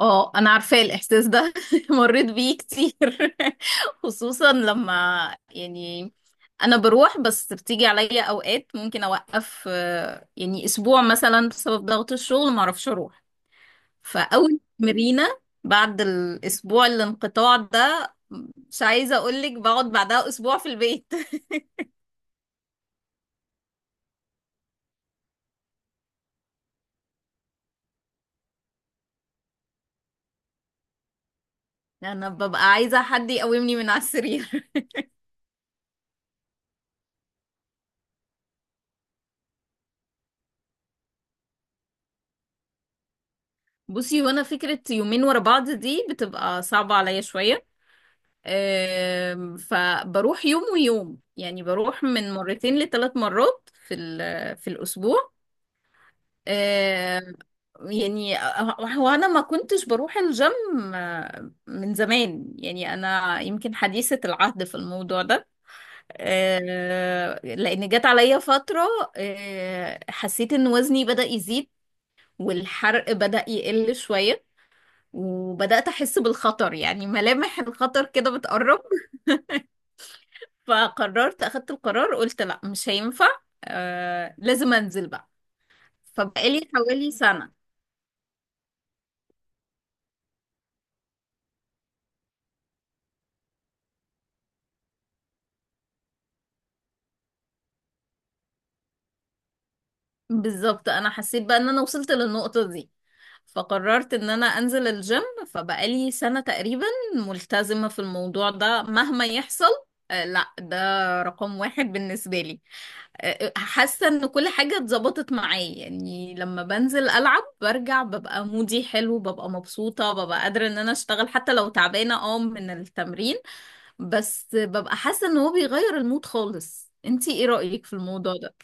اه، انا عارفة الاحساس ده. مريت بيه كتير. خصوصا لما يعني انا بروح، بس بتيجي عليا اوقات ممكن اوقف، يعني اسبوع مثلا بسبب ضغط الشغل ما اعرفش اروح. فاول تمرينة بعد الاسبوع الانقطاع ده، مش عايزة اقولك بقعد بعدها اسبوع في البيت. انا ببقى عايزة حد يقومني من على السرير. بصي، وانا فكرة يومين ورا بعض دي بتبقى صعبة عليا شوية. فبروح يوم ويوم، يعني بروح من مرتين لثلاث مرات في الأسبوع. آم، يعني هو أنا ما كنتش بروح الجيم من زمان، يعني أنا يمكن حديثة العهد في الموضوع ده. لأن جت عليا فترة، حسيت إن وزني بدأ يزيد، والحرق بدأ يقل شوية، وبدأت أحس بالخطر، يعني ملامح الخطر كده بتقرب. فقررت اخدت القرار، قلت لا مش هينفع، آه لازم انزل بقى. فبقالي حوالي سنة. بالظبط، انا حسيت بقى ان انا وصلت للنقطة دي، فقررت ان انا انزل الجيم. فبقالي سنة تقريبا ملتزمة في الموضوع ده مهما يحصل. آه لا، ده رقم واحد بالنسبة لي. حاسة ان كل حاجة اتظبطت معايا، يعني لما بنزل العب برجع ببقى مودي حلو، ببقى مبسوطة، ببقى قادرة ان انا اشتغل حتى لو تعبانة اه من التمرين. بس ببقى حاسة ان هو بيغير المود خالص. انتي ايه رأيك في الموضوع ده؟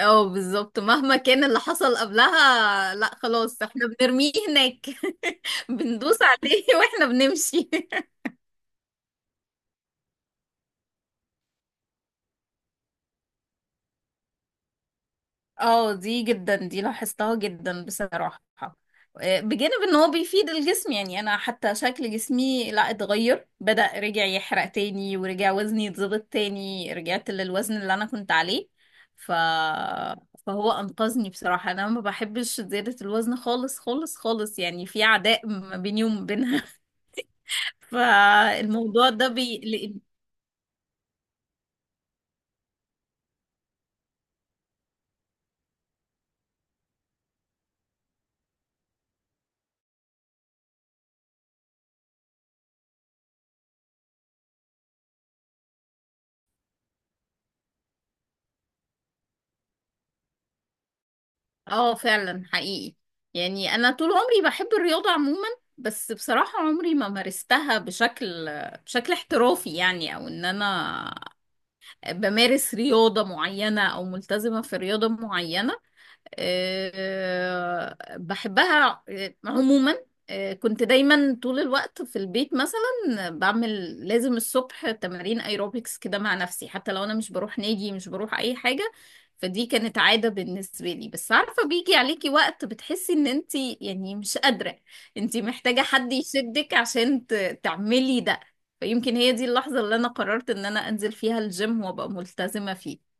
اه بالظبط، مهما كان اللي حصل قبلها لا خلاص، احنا بنرميه هناك. بندوس عليه واحنا بنمشي. اه، دي جدا، دي لاحظتها جدا بصراحة. بجانب ان هو بيفيد الجسم، يعني انا حتى شكل جسمي لا اتغير، بدأ رجع يحرق تاني، ورجع وزني يتظبط تاني، رجعت للوزن اللي انا كنت عليه. ف... فهو انقذني بصراحة. انا ما بحبش زيادة الوزن خالص خالص خالص، يعني في عداء ما بيني وما بينها. فالموضوع ده بيقلقني. اه فعلا حقيقي. يعني انا طول عمري بحب الرياضة عموما، بس بصراحة عمري ما مارستها بشكل احترافي، يعني او ان انا بمارس رياضة معينة او ملتزمة في رياضة معينة. بحبها عموما. كنت دايما طول الوقت في البيت مثلا بعمل لازم الصبح تمارين ايروبكس كده مع نفسي، حتى لو انا مش بروح نادي، مش بروح اي حاجة. فدي كانت عادة بالنسبة لي. بس عارفة بيجي عليكي وقت بتحسي ان انتي يعني مش قادرة، انتي محتاجة حد يشدك عشان تعملي ده. فيمكن هي دي اللحظة اللي انا قررت ان انا انزل فيها الجيم وابقى ملتزمة فيه.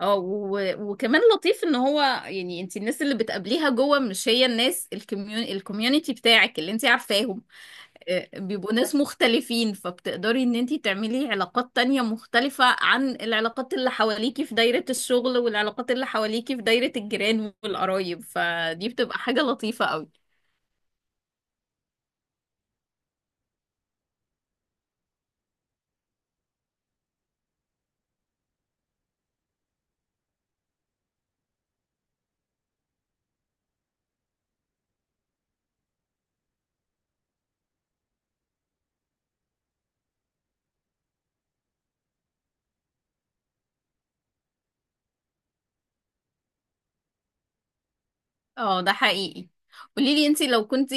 اه، وكمان لطيف ان هو، يعني انت الناس اللي بتقابليها جوه مش هي الناس الكميوني الكوميونتي بتاعك اللي انت عارفاهم. بيبقوا ناس مختلفين، فبتقدري ان انت تعملي علاقات تانية مختلفة عن العلاقات اللي حواليكي في دايرة الشغل والعلاقات اللي حواليكي في دايرة الجيران والقرايب، فدي بتبقى حاجة لطيفة قوي. اه ده حقيقي. قوليلي انت لو كنت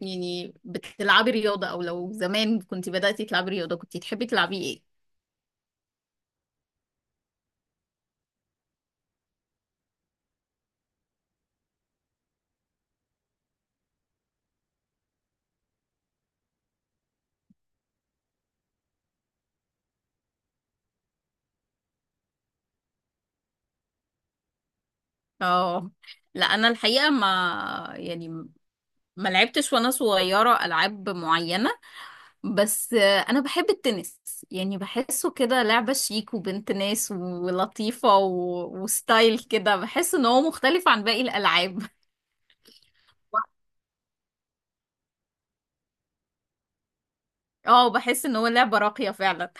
يعني بتلعبي رياضة، او لو زمان كنت بدأتي تلعبي رياضة، كنت تحبي تلعبي ايه؟ اه لا، انا الحقيقه ما يعني ما لعبتش وانا صغيره العاب معينه. بس انا بحب التنس، يعني بحسه كده لعبه شيك وبنت ناس ولطيفه، وستايل كده. بحس ان هو مختلف عن باقي الالعاب. اه بحس ان هو لعبه راقيه فعلا.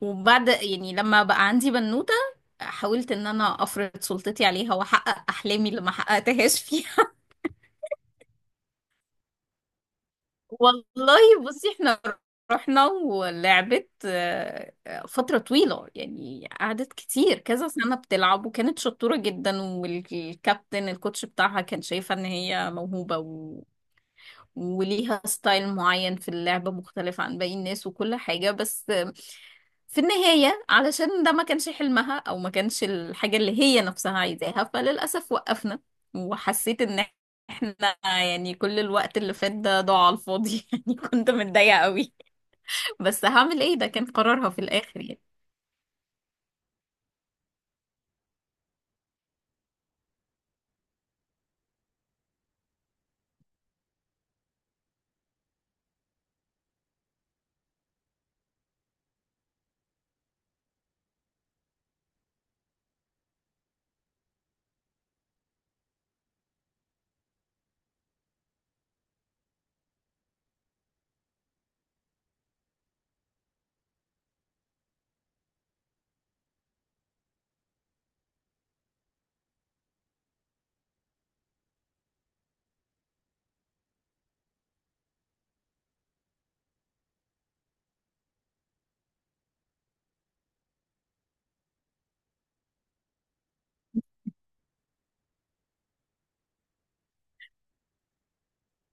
وبعد، يعني لما بقى عندي بنوته، حاولت ان انا افرض سلطتي عليها واحقق احلامي اللي ما حققتهاش فيها. والله بصي، احنا رحنا ولعبت فترة طويلة، يعني قعدت كتير كذا سنة بتلعب. وكانت شطورة جدا، والكابتن الكوتش بتاعها كان شايفة ان هي موهوبة، وليها ستايل معين في اللعب مختلف عن باقي الناس وكل حاجة. بس في النهاية، علشان ده ما كانش حلمها أو ما كانش الحاجة اللي هي نفسها عايزاها، فللأسف وقفنا. وحسيت إن احنا، يعني كل الوقت اللي فات ده ضاع على الفاضي. يعني كنت متضايقة قوي. بس هعمل ايه، ده كان قرارها في الآخر يعني.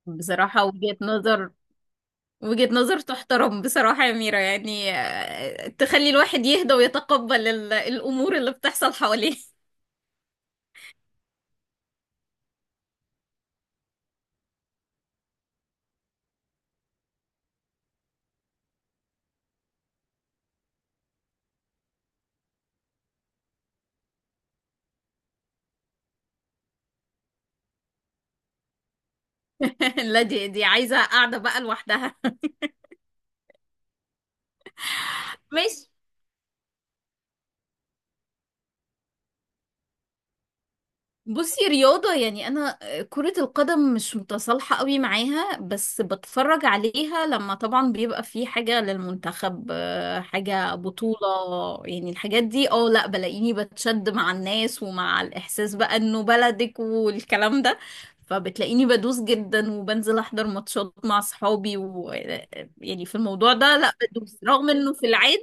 بصراحة وجهة نظر، تحترم بصراحة يا ميرا. يعني تخلي الواحد يهدى ويتقبل الأمور اللي بتحصل حواليه. لا، دي عايزة قاعدة بقى لوحدها. ماشي. بصي رياضة، يعني أنا كرة القدم مش متصالحة قوي معاها، بس بتفرج عليها لما طبعا بيبقى في حاجة للمنتخب، حاجة بطولة، يعني الحاجات دي. اه لا، بلاقيني بتشد مع الناس، ومع الإحساس بقى إنه بلدك والكلام ده. فبتلاقيني بدوس جدا وبنزل أحضر ماتشات مع صحابي، و يعني في الموضوع ده لا بدوس، رغم إنه في العادي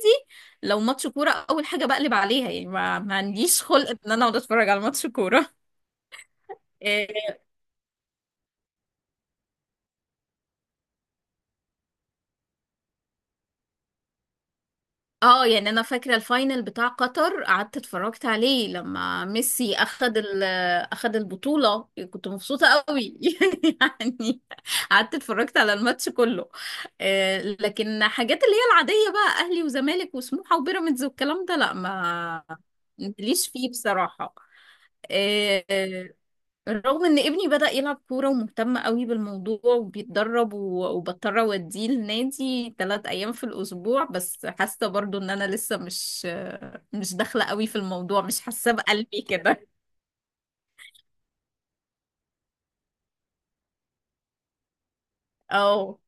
لو ماتش كورة أول حاجة بقلب عليها. يعني ما عنديش خلق إن أنا أقعد أتفرج على ماتش كورة. اه، يعني انا فاكره الفاينل بتاع قطر، قعدت اتفرجت عليه لما ميسي اخد اخد البطوله. كنت مبسوطه قوي. يعني قعدت اتفرجت على الماتش كله. لكن حاجات اللي هي العاديه بقى، اهلي وزمالك وسموحه وبيراميدز والكلام ده، لا ما ماليش فيه بصراحه. آه، آه، رغم ان ابني بدأ يلعب كورة ومهتم قوي بالموضوع وبيتدرب، وبضطر اوديه النادي 3 ايام في الاسبوع. بس حاسة برضو ان انا لسه مش، داخلة قوي في الموضوع، مش حاسة بقلبي كده. اه.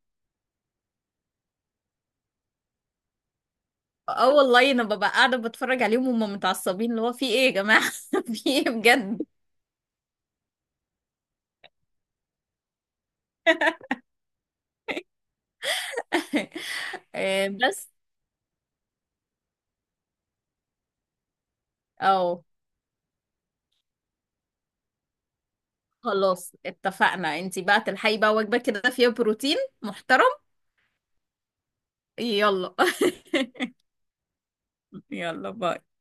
اه والله انا ببقى قاعدة بتفرج عليهم وهم متعصبين، اللي هو في ايه يا جماعة؟ في ايه بجد؟ بس اه، خلاص اتفقنا، انتي بقى تلحقي بقى وجبة كده فيها بروتين محترم. يلا. يلا باي.